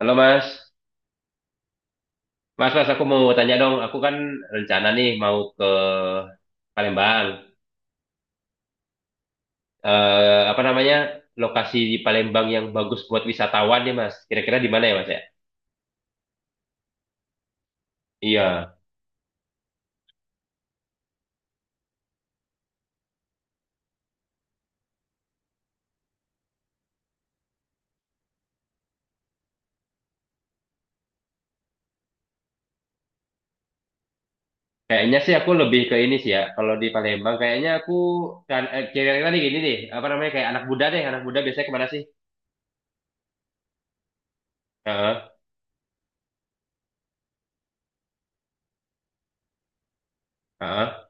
Halo Mas, Mas aku mau tanya dong, aku kan rencana nih mau ke Palembang. Apa namanya lokasi di Palembang yang bagus buat wisatawan nih Mas? Kira-kira di mana ya Mas ya? Iya, kayaknya sih aku lebih ke ini sih ya. Kalau di Palembang kayaknya aku kan kira-kira nih gini deh, apa namanya kayak anak muda deh, anak muda biasanya kemana sih? Heeh, heeh.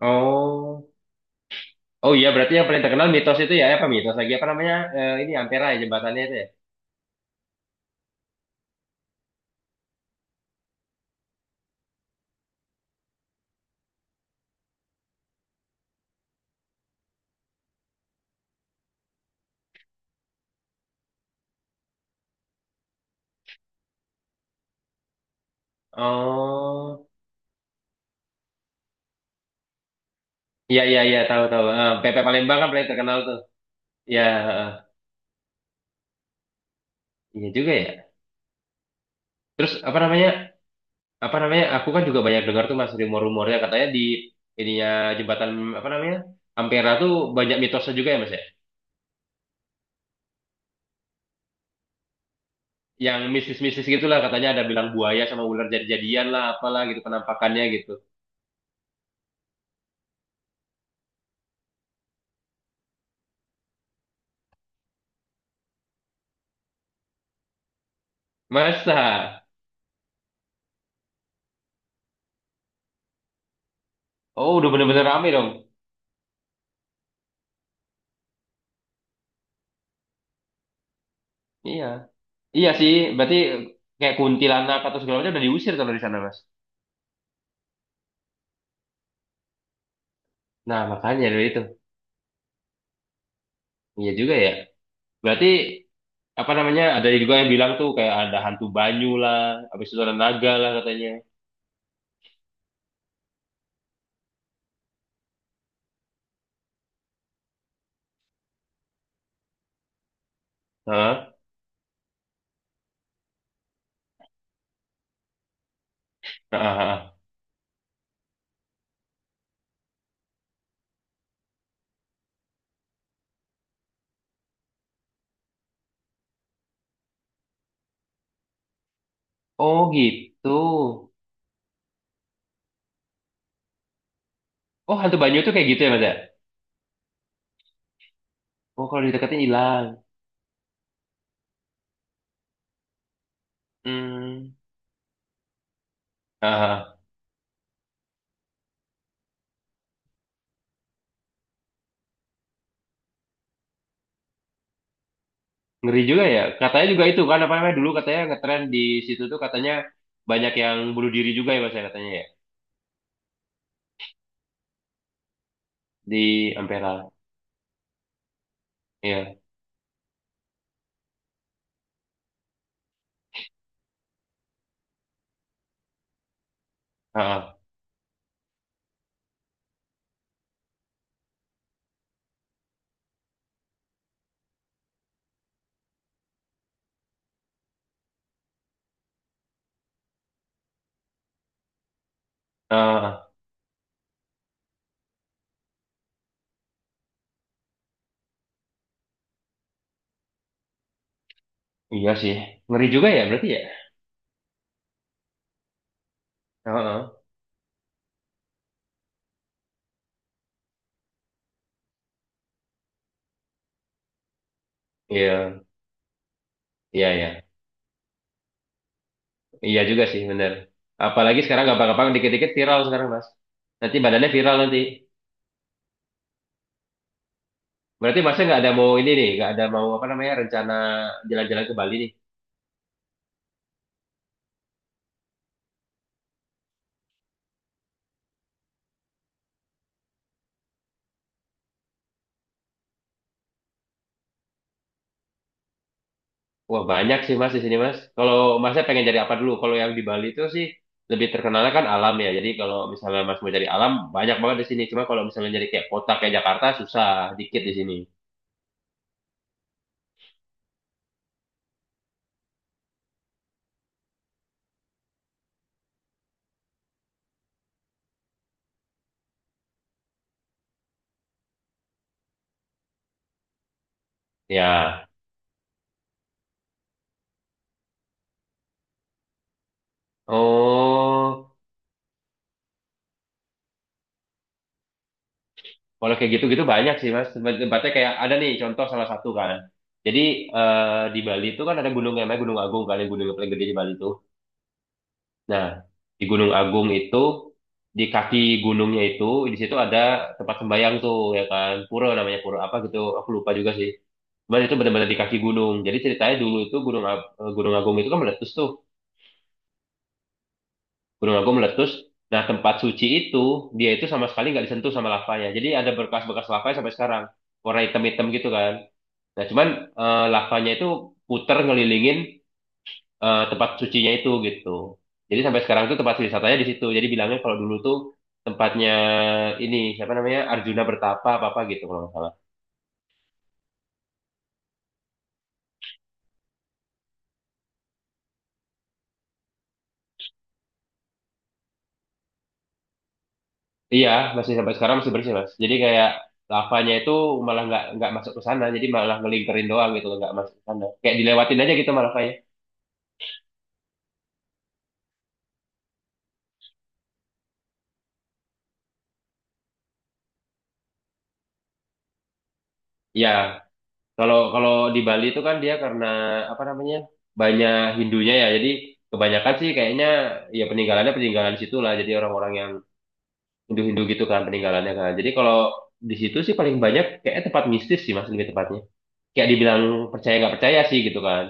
Oh, oh iya berarti yang paling terkenal mitos itu ya, apa mitos lagi apa namanya, ini Ampera ya jembatannya itu ya? Oh. Iya iya iya tahu tahu. PP Palembang kan paling terkenal tuh. Iya, heeh. Iya juga ya. Terus apa namanya? Apa namanya? Aku kan juga banyak dengar tuh Mas rumor-rumornya katanya di ininya jembatan apa namanya? Ampera tuh banyak mitosnya juga ya Mas ya. Yang mistis-mistis gitulah katanya ada bilang buaya sama ular jadi-jadian lah apalah gitu penampakannya gitu. Masa? Oh, udah bener-bener rame dong. Iya. Iya sih, berarti kayak kuntilanak atau segala macam udah diusir tuh dari sana, Mas. Nah, makanya dari itu. Iya juga ya. Berarti apa namanya ada juga yang bilang tuh kayak ada hantu banyu lah habis itu ada naga lah katanya. Hah? Ah, ah, ah. Oh gitu. Oh hantu banyu tuh kayak gitu ya Mas ya. Oh kalau didekatin hilang. Hmm. Ah, ah. Ngeri juga ya, katanya juga itu kan apa namanya dulu katanya ngetren di situ tuh, katanya banyak yang bunuh diri juga ya Mas ya katanya ya, di Ampera. Iya. Ah, ah. Ah, ah. Iya sih, ngeri juga ya berarti ya. Ah, ah. Iya iya iya. Iya juga sih, bener. Apalagi sekarang gampang-gampang dikit-dikit viral sekarang, Mas. Nanti badannya viral nanti. Berarti Masnya nggak ada mau ini nih, nggak ada mau apa namanya rencana jalan-jalan ke Bali nih. Wah banyak sih Mas di sini Mas. Kalau Masnya pengen jadi apa dulu? Kalau yang di Bali itu sih lebih terkenalnya kan alam ya. Jadi kalau misalnya Mas mau jadi alam, banyak banget di sini. Cuma kalau misalnya jadi kayak kota kayak Jakarta susah, dikit di sini. Ya. Oh. Kalau kayak gitu-gitu banyak sih mas. Tempatnya kayak ada nih contoh salah satu kan. Jadi di Bali itu kan ada gunung yang namanya Gunung Agung, kali gunung yang paling gede di Bali itu. Nah di Gunung Agung itu di kaki gunungnya itu di situ ada tempat sembayang tuh ya kan, pura namanya, pura apa gitu aku lupa juga sih. Cuman itu benar-benar di kaki gunung. Jadi ceritanya dulu itu Gunung Agung itu kan meletus tuh. Gunung Agung meletus. Nah tempat suci itu dia itu sama sekali nggak disentuh sama lavanya. Jadi ada berkas-bekas lavanya sampai sekarang. Warna hitam-hitam gitu kan. Nah, cuman lavanya itu puter ngelilingin tempat sucinya itu gitu. Jadi sampai sekarang tuh tempat wisatanya di situ. Jadi bilangnya kalau dulu tuh tempatnya ini siapa namanya, Arjuna Bertapa apa apa gitu kalau nggak salah. Iya, masih sampai sekarang masih bersih mas. Jadi kayak lavanya itu malah nggak masuk ke sana, jadi malah ngelingkerin doang gitu, nggak masuk ke sana. Kayak dilewatin aja gitu malah kayak. Iya, Kalau kalau di Bali itu kan dia karena apa namanya banyak Hindunya ya, jadi kebanyakan sih kayaknya ya peninggalannya peninggalan situ lah. Jadi orang-orang yang Hindu-Hindu gitu kan peninggalannya kan. Jadi kalau di situ sih paling banyak kayak tempat mistis sih mas, lebih tepatnya. Kayak dibilang percaya nggak percaya sih gitu kan.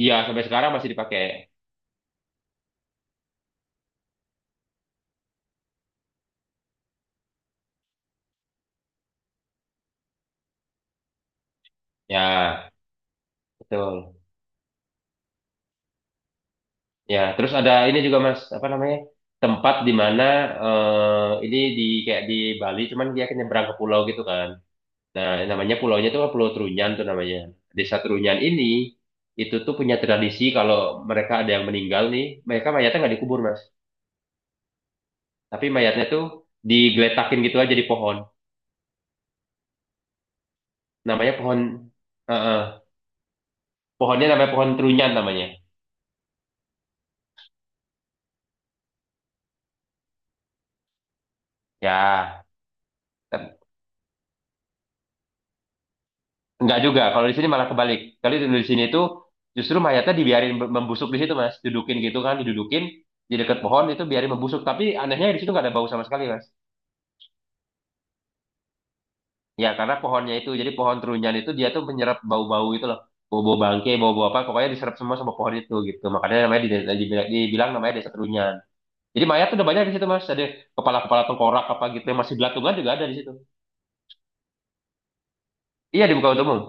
Iya sampai sekarang masih dipakai. Ya betul. Ya terus ada ini juga mas apa namanya, tempat di mana ini di kayak di Bali cuman dia nyebrang ke pulau gitu kan. Nah, namanya pulaunya itu kan Pulau Trunyan tuh namanya. Desa Trunyan ini itu tuh punya tradisi kalau mereka ada yang meninggal nih, mereka mayatnya nggak dikubur, Mas. Tapi mayatnya tuh digeletakin gitu aja di pohon. Namanya pohon eh, eh. Pohonnya namanya pohon Trunyan namanya. Ya, tet- nggak juga. Kalau di sini malah kebalik. Kalau di sini tuh justru mayatnya dibiarin membusuk di situ, Mas. Dudukin gitu kan, didudukin di dekat pohon itu biarin membusuk. Tapi anehnya di situ nggak ada bau sama sekali, Mas. Ya, karena pohonnya itu, jadi pohon terunyan itu dia tuh menyerap bau-bau itu loh. Bau-bau bangke, bau-bau apa, pokoknya diserap semua sama pohon itu gitu. Makanya namanya dibilang namanya desa terunyan. Jadi mayat tuh udah banyak di situ mas. Ada kepala-kepala tengkorak apa gitu yang masih belatungan juga ada di situ. Iya di Bukaun Umum.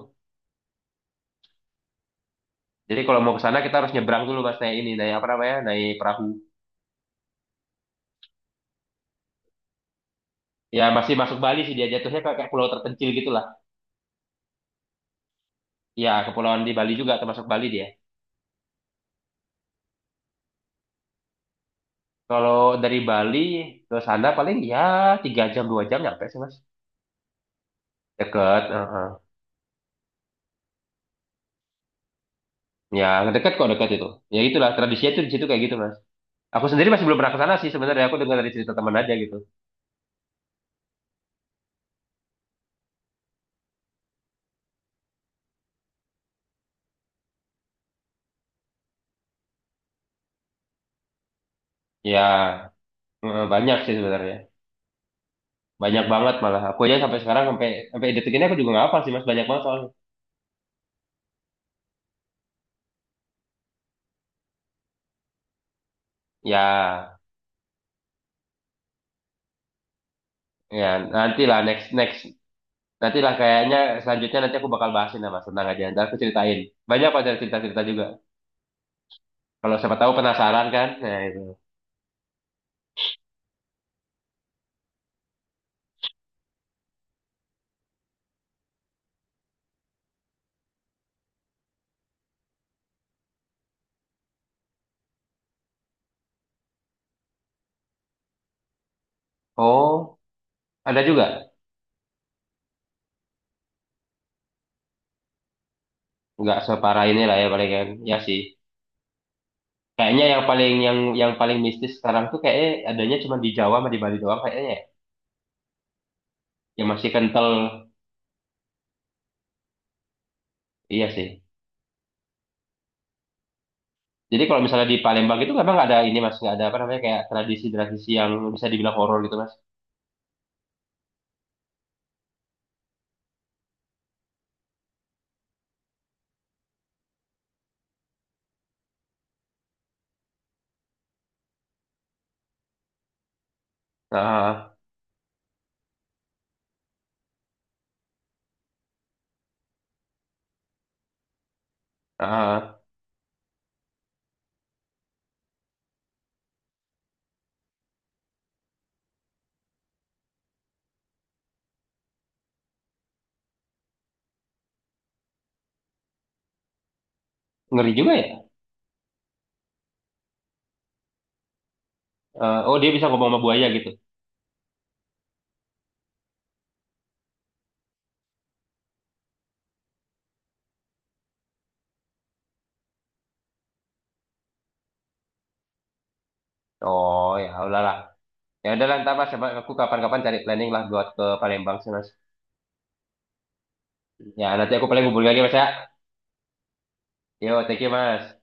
Jadi kalau mau ke sana kita harus nyebrang dulu mas, naik ini, naik apa namanya, naik perahu. Ya masih masuk Bali sih dia jatuhnya kayak pulau terpencil gitu lah. Ya kepulauan di Bali juga termasuk Bali dia. Kalau dari Bali ke sana paling ya 3 jam 2 jam nyampe sih mas. Deket. Ya, dekat kok dekat itu. Ya itulah tradisinya itu di situ kayak gitu, Mas. Aku sendiri masih belum pernah ke sana sih sebenarnya. Aku dengar dari cerita teman aja gitu. Ya, banyak sih sebenarnya. Banyak banget malah. Aku aja sampai sekarang sampai sampai detik ini aku juga nggak hafal sih, Mas. Banyak banget soalnya. Ya, ya nantilah next next nantilah kayaknya selanjutnya nanti aku bakal bahasin lah, Mas tentang aja. Ntar aku ceritain. Banyak kok ada cerita-cerita juga. Kalau siapa tahu penasaran kan. Nah, itu. Oh, ada juga. Nggak separah ini lah ya paling kan. Ya sih. Kayaknya yang paling yang paling mistis sekarang tuh kayaknya adanya cuma di Jawa sama di Bali doang kayaknya ya. Yang masih kental, iya sih. Jadi kalau misalnya di Palembang itu memang nggak ada ini mas, nggak ada apa namanya kayak tradisi-tradisi yang bisa dibilang horor gitu mas. Ah, ah, ngeri juga ya. Oh dia bisa ngomong sama buaya gitu. Oh ya udahlah. Ya udah ntar mas, coba aku kapan-kapan cari planning lah buat ke Palembang sih mas. Ya nanti aku paling hubungi lagi mas ya. Yo, thank you mas.